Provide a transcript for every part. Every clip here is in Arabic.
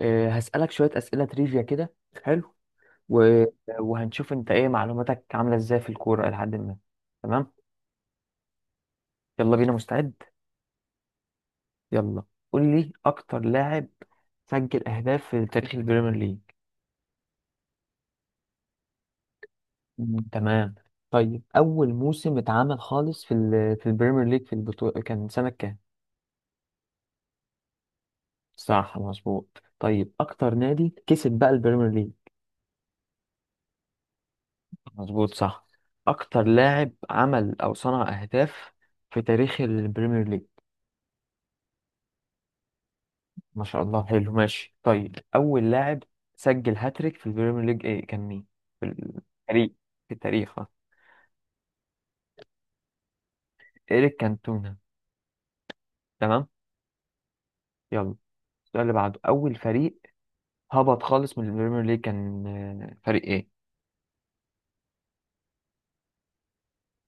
هسألك شوية أسئلة تريفيا كده. حلو. و... وهنشوف أنت إيه معلوماتك عاملة إزاي في الكورة إلى حد ما. تمام. يلا بينا، مستعد؟ يلا. قول لي أكتر لاعب سجل أهداف في تاريخ البريمير ليج. مم. تمام. طيب أول موسم اتعمل خالص في البريمير ليج في البطولة كان سنة كام؟ صح، مظبوط. طيب أكتر نادي كسب بقى البريمير ليج. مظبوط، صح. أكتر لاعب عمل أو صنع أهداف في تاريخ البريمير ليج. ما شاء الله، حلو، ماشي. طيب أول لاعب سجل هاتريك في البريمير ليج إيه، كان مين؟ في التاريخ. في التاريخ، إيريك كانتونا. تمام. يلا، السؤال اللي بعده: أول فريق هبط خالص من البريمير ليج كان فريق إيه؟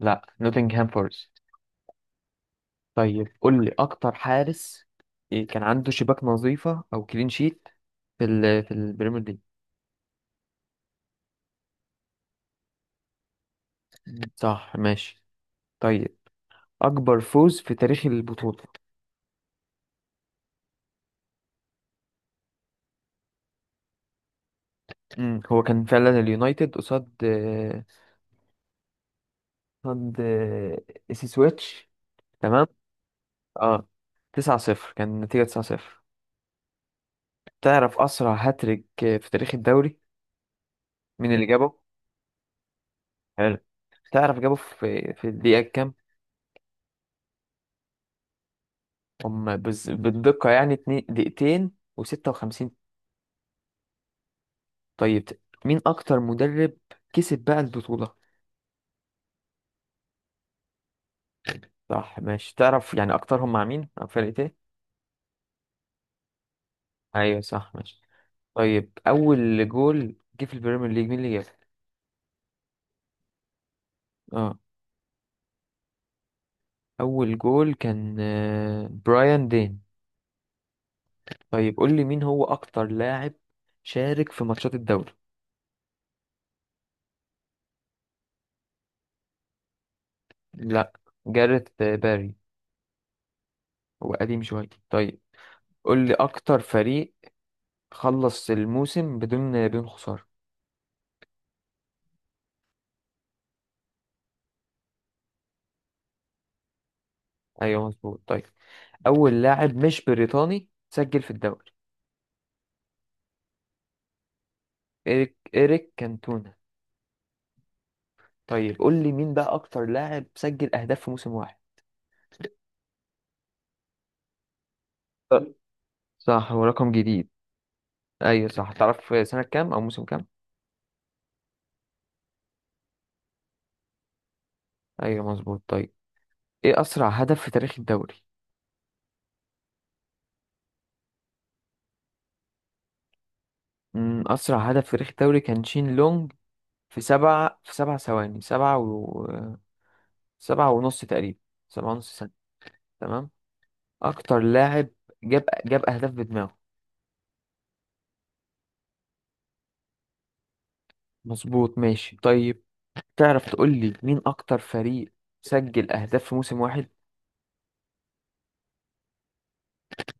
لا، نوتنغهام فورست. طيب قول لي أكتر حارس إيه كان عنده شباك نظيفة أو كلين شيت في البريمير ليج. صح، ماشي. طيب أكبر فوز في تاريخ البطولة. هو كان فعلا اليونايتد قصاد ضد سي سويتش. تمام. اه، 9 0 كان النتيجة، 9 0. تعرف أسرع هاتريك في تاريخ الدوري مين اللي جابه؟ حلو. تعرف جابه في الدقيقة كام؟ هم، بالدقة يعني اتنين دقيقتين و56. طيب مين أكتر مدرب كسب بقى البطولة؟ صح، ماشي. تعرف يعني أكترهم مع مين؟ مع فرقة إيه؟ أيوه، صح، ماشي. طيب أول جول جه في البريمير ليج مين اللي جابه؟ اه، أول جول كان برايان دين. طيب قول لي مين هو أكتر لاعب شارك في ماتشات الدوري؟ لا، جاريث باري. هو قديم شوية. طيب قول لي أكتر فريق خلص الموسم بدون خسارة. أيوه، مظبوط. طيب أول لاعب مش بريطاني سجل في الدوري. إيريك كانتونا. طيب قول لي مين بقى أكتر لاعب سجل أهداف في موسم واحد؟ أه. صح، هو رقم جديد. أيوه، صح. تعرف سنة كام أو موسم كام؟ أيوه، مظبوط. طيب إيه أسرع هدف في تاريخ الدوري؟ مم، أسرع هدف في تاريخ الدوري كان شين لونج، في سبعة، في سبع ثواني، سبعة و سبعة ونص تقريبا، سبعة ونص ثانية. تمام. أكتر لاعب جاب أهداف بدماغه. مظبوط، ماشي. طيب تعرف تقول لي مين أكتر فريق سجل أهداف في موسم واحد.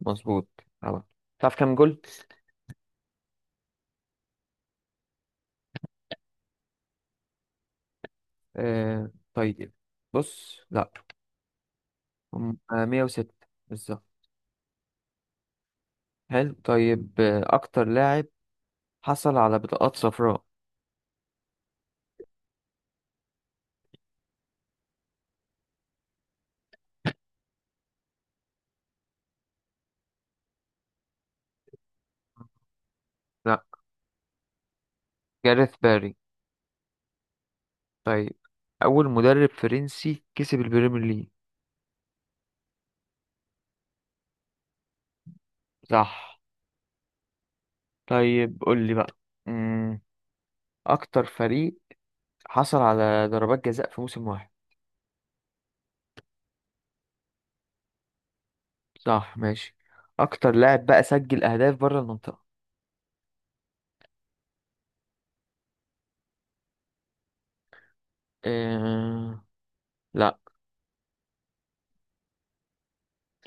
مظبوط، طبعا. تعرف كام جول؟ آه طيب، بص لأ، هم 106 بالظبط. حلو. طيب أكتر لاعب حصل على بطاقات صفراء. لأ، جاريث باري. طيب أول مدرب فرنسي كسب البريمير ليج. صح. طيب قول لي بقى، مم. أكتر فريق حصل على ضربات جزاء في موسم واحد. صح، ماشي. أكتر لاعب بقى سجل أهداف بره المنطقة. إيه... لا.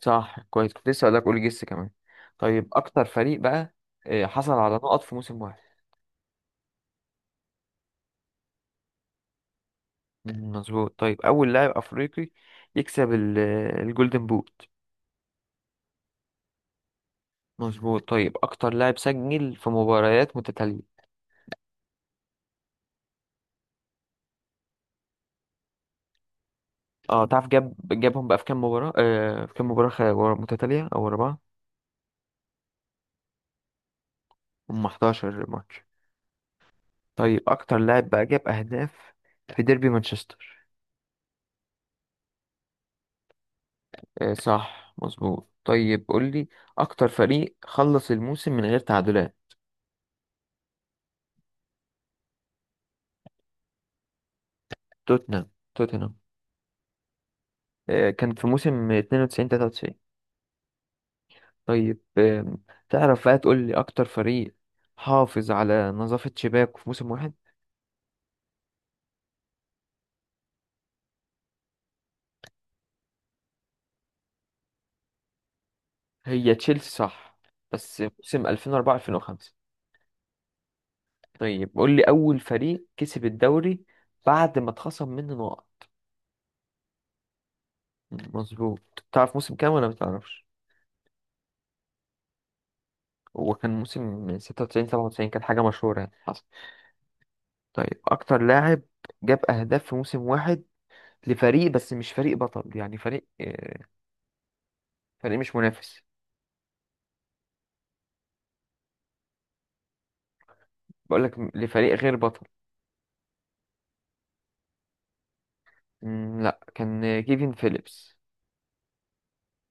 صح، كويس، كنت لسه هقولك قول جس كمان. طيب أكتر فريق بقى حصل على نقط في موسم واحد. مم، مظبوط. طيب أول لاعب أفريقي يكسب الجولدن بوت. مظبوط. طيب أكتر لاعب سجل في مباريات متتالية. اه، تعرف جابهم بقى في كام مباراة، في كام مباراة ورا متتالية او ورا بعض. هم 11 ماتش. طيب اكتر لاعب بقى جاب اهداف في ديربي مانشستر. آه، صح، مظبوط. طيب قول لي اكتر فريق خلص الموسم من غير تعادلات. توتنهام، توتنهام. آه، كان في موسم 92 93. طيب آه، تعرف بقى تقول لي اكتر فريق حافظ على نظافة شباكه في موسم واحد. هي تشيلسي، صح، بس موسم 2004 2005. طيب قول لي أول فريق كسب الدوري بعد ما اتخصم منه نقط. مظبوط. تعرف موسم كام ولا متعرفش؟ هو كان موسم 96 97، كانت حاجة مشهورة يعني حصل. طيب أكتر لاعب جاب أهداف في موسم واحد لفريق بس مش فريق بطل، يعني فريق فريق مش منافس. بقول لك لفريق غير بطل. مم، لا، كان كيفن فيليبس.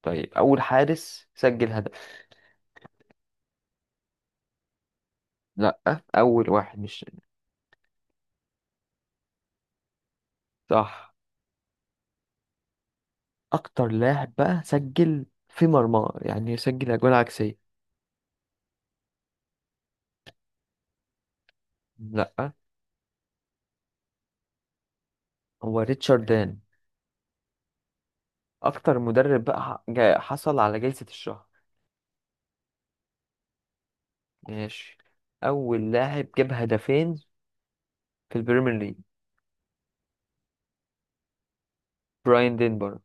طيب أول حارس سجل هدف. لا، أول واحد مش. صح. اكتر لاعب بقى سجل في مرمى، يعني سجل اجوان عكسيه. لا، هو ريتشارد دان. اكتر مدرب بقى حصل على جائزه الشهر. ماشي. اول لاعب جاب هدفين في البريمير ليج. براين دينبرج.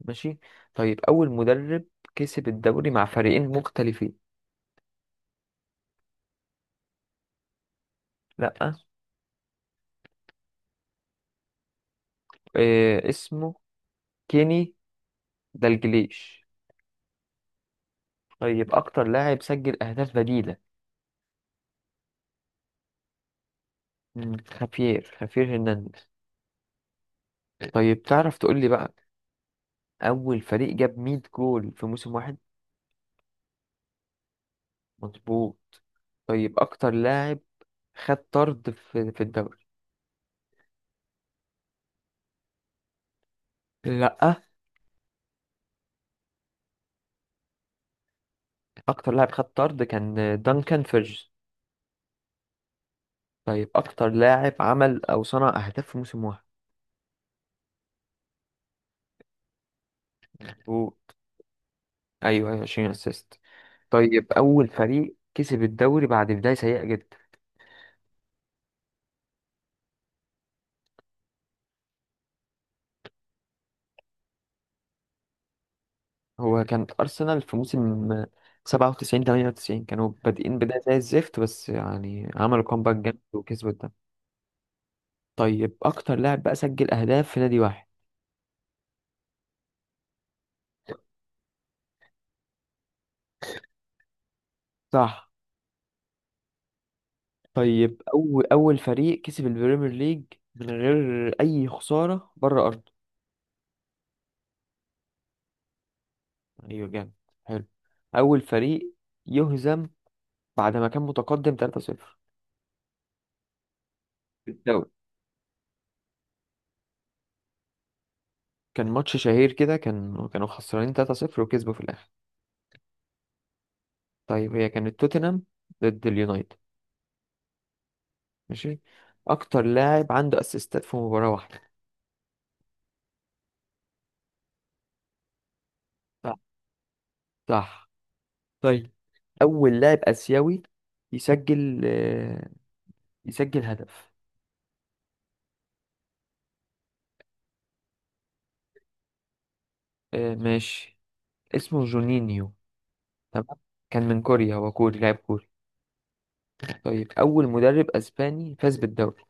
ماشي. طيب اول مدرب كسب الدوري مع فريقين مختلفين. لا. إيه اسمه؟ كيني دالجليش. طيب اكتر لاعب سجل اهداف بديله. مم، خافير هرنانديز. طيب تعرف تقول لي بقى اول فريق جاب 100 جول في موسم واحد. مظبوط. طيب اكتر لاعب خد طرد في الدوري. لا، اكتر لاعب خد طرد كان دانكان فيرجز. طيب اكتر لاعب عمل او صنع اهداف في موسم واحد. مظبوط. ايوه، ايوه، 20 اسيست. طيب اول فريق كسب الدوري بعد بداية سيئة جدا. هو كانت ارسنال في موسم 97 98، كانوا بادئين بداية زي الزفت، بس يعني عملوا كومباك جامد وكسبوا الدوري. طيب اكتر لاعب بقى سجل اهداف في نادي واحد. صح. طيب أول فريق كسب البريمير ليج من غير أي خسارة بره أرضه. أيوة، جامد، حلو. أول فريق يهزم بعد ما كان متقدم 3-0 في الدوري. كان ماتش شهير كده، كان كانوا خسرانين 3-0 وكسبوا في الآخر. طيب هي كانت توتنهام ضد اليونايتد. ماشي. أكتر لاعب عنده أسيستات في مباراة واحدة. صح، صح. طيب أول لاعب آسيوي يسجل يسجل هدف. ماشي. اسمه جونينيو. تمام. كان من كوريا، هو كوري، لاعب كوري. طيب أول مدرب أسباني فاز بالدوري.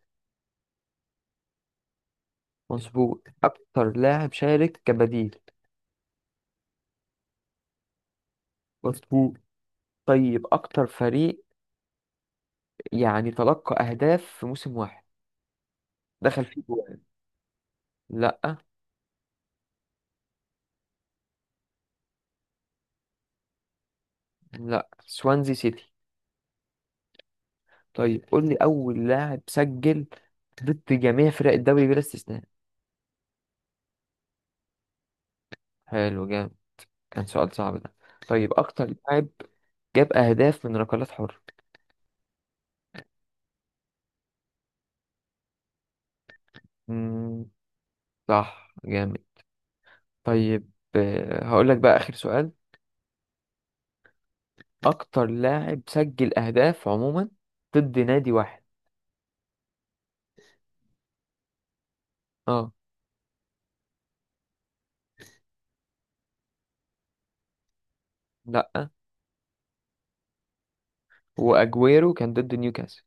مظبوط. أكتر لاعب شارك كبديل. مظبوط. طيب أكتر فريق يعني تلقى أهداف في موسم واحد، دخل فيه جوان. لأ. لأ، سوانزي سيتي. طيب قول لي أول لاعب سجل ضد جميع فرق الدوري بلا استثناء. حلو، جامد، كان سؤال صعب ده. طيب أكتر لاعب جاب أهداف من ركلات حرة. مم، صح، جامد. طيب هقول لك بقى آخر سؤال. اكتر لاعب سجل اهداف عموما ضد نادي واحد. اه. لا. واجويرو كان ضد نيوكاسل.